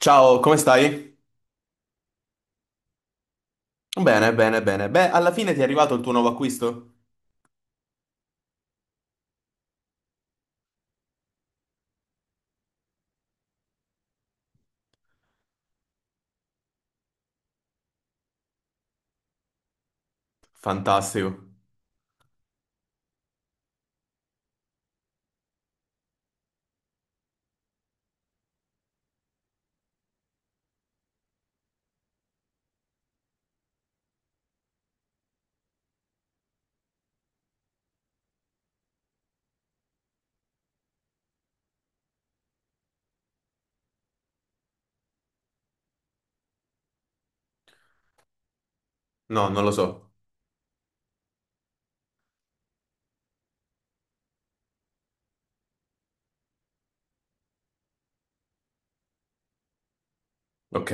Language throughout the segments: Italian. Ciao, come stai? Bene, bene, bene. Beh, alla fine ti è arrivato il tuo nuovo acquisto? Fantastico. No, non lo so. Ok,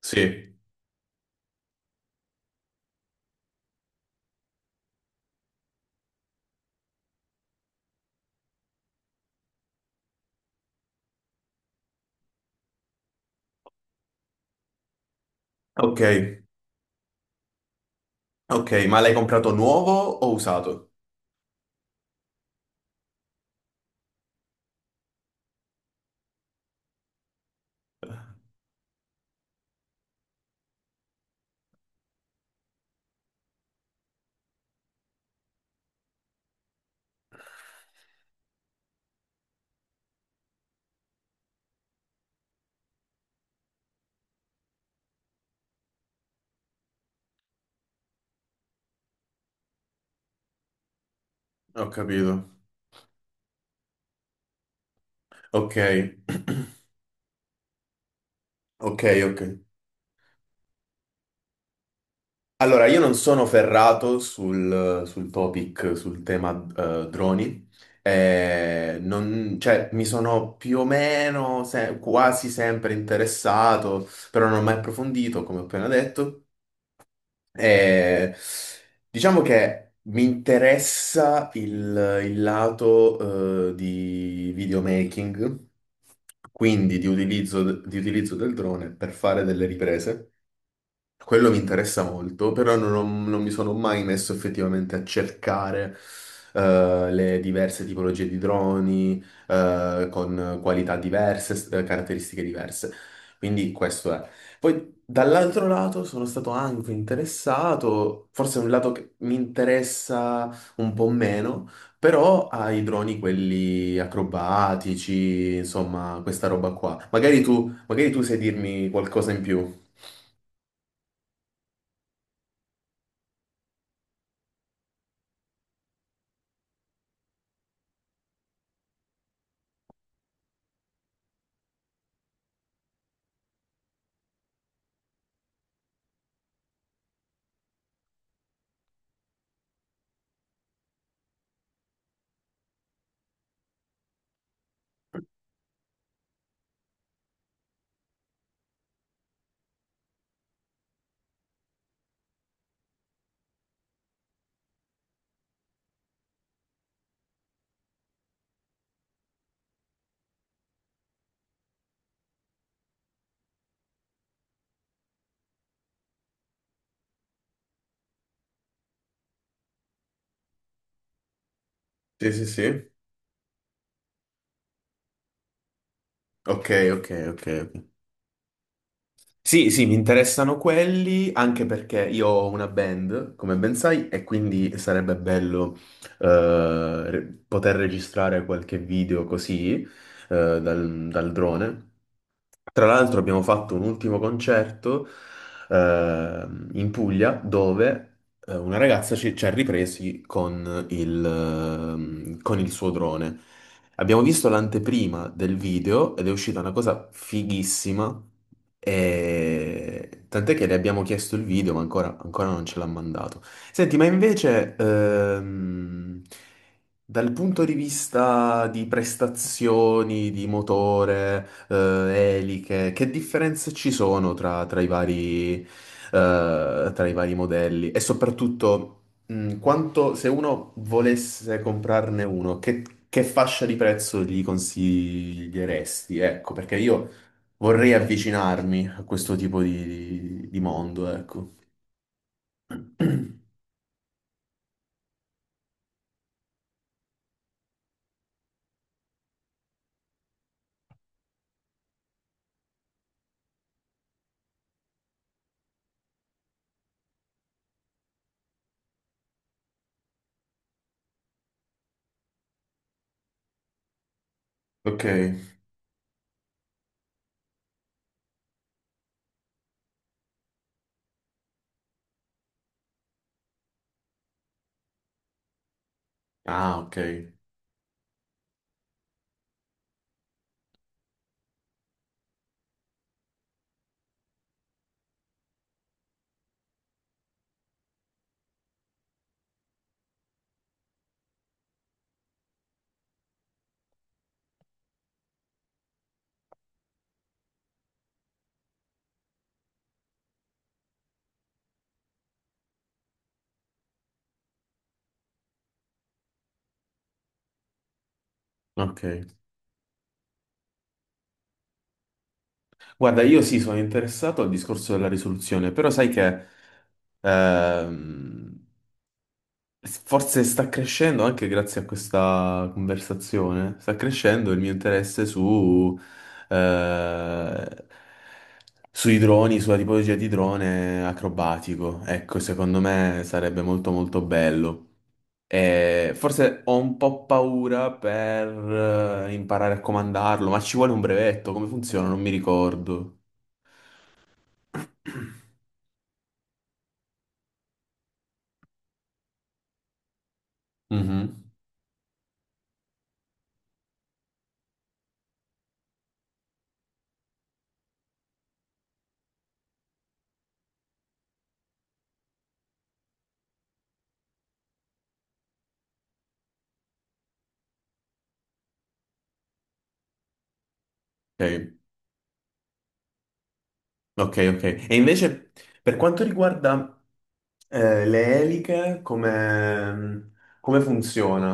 sì. Ok, ok, ma l'hai comprato nuovo o usato? Ho capito. Ok, ok, ok. Allora, io non sono ferrato sul topic, sul tema droni. Cioè, mi sono più o meno quasi sempre interessato, però non ho mai approfondito, come ho appena detto. Eh, diciamo che mi interessa il lato, di videomaking, quindi di utilizzo del drone per fare delle riprese. Quello mi interessa molto, però non, ho- non mi sono mai messo effettivamente a cercare le diverse tipologie di droni con qualità diverse, caratteristiche diverse. Quindi questo è. Poi dall'altro lato sono stato anche interessato, forse è un lato che mi interessa un po' meno, però ai droni quelli acrobatici, insomma, questa roba qua. Magari tu sai dirmi qualcosa in più. Sì, sì, sì. Ok, ok, ok. Ok. Sì, sì, mi interessano quelli anche perché io ho una band, come ben sai, e quindi sarebbe bello poter registrare qualche video così dal drone. Tra l'altro abbiamo fatto un ultimo concerto eh, in Puglia dove una ragazza ci ha ripresi con con il suo drone. Abbiamo visto l'anteprima del video ed è uscita una cosa fighissima. E tant'è che le abbiamo chiesto il video, ma ancora, ancora non ce l'ha mandato. Senti, ma invece, dal punto di vista di prestazioni, di motore, eliche, che differenze ci sono tra i vari modelli? E soprattutto, mm, quanto, se uno volesse comprarne uno, che fascia di prezzo gli consiglieresti? Ecco, perché io vorrei avvicinarmi a questo tipo di mondo, ecco. Ok. Ah, ok. Ok. Guarda, io sì, sono interessato al discorso della risoluzione, però sai che ehm, forse sta crescendo anche grazie a questa conversazione, sta crescendo il mio interesse su, eh, sui droni, sulla tipologia di drone acrobatico. Ecco, secondo me sarebbe molto molto bello. E forse ho un po' paura per imparare a comandarlo, ma ci vuole un brevetto, come funziona? Non mi ricordo. Mhm. Ok, ok, ok. E invece per quanto riguarda le eliche come, come funziona?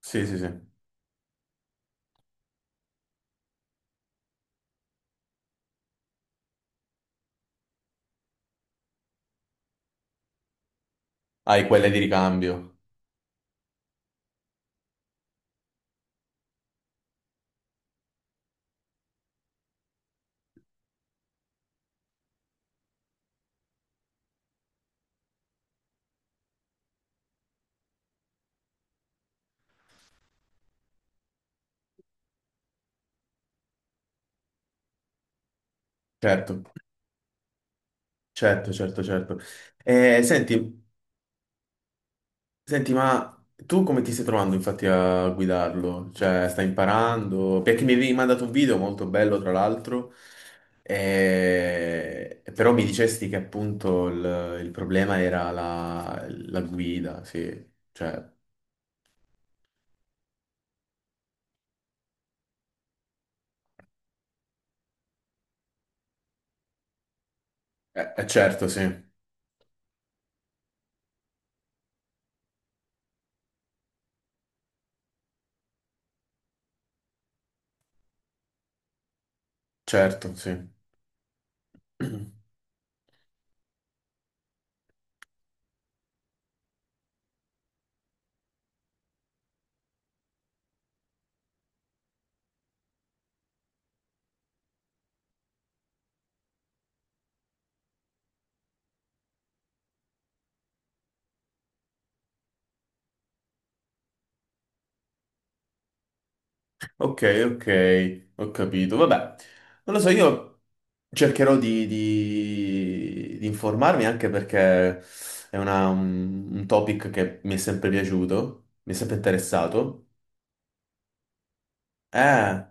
Sì, sì, sì. Hai quelle di ricambio. Certo, certo, certo, certo. Senti, senti, ma tu come ti stai trovando infatti a guidarlo? Cioè, stai imparando? Perché mi avevi mandato un video molto bello, tra l'altro, però mi dicesti che appunto il problema era la guida, sì. Cioè, certo, sì, certo, sì. Ok, ok, ho capito. Vabbè, non lo so, io cercherò di informarmi anche perché è un topic che mi è sempre piaciuto, mi è sempre interessato. Eh,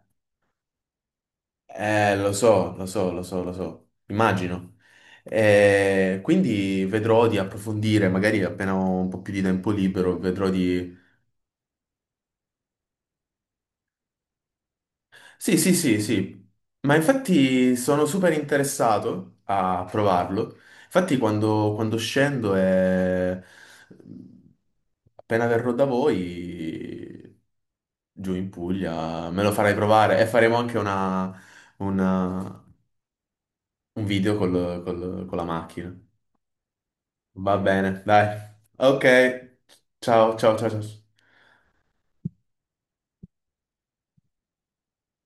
lo so, lo so, lo so, lo so, immagino. Quindi vedrò di approfondire, magari appena ho un po' più di tempo libero, vedrò. Sì, sì, sì, sì, ma infatti sono super interessato a provarlo. Infatti quando scendo e appena verrò da voi, giù in Puglia, me lo farai provare e faremo anche una, una- un video con la macchina. Va bene, dai. Ok, ciao, ciao, ciao, ciao.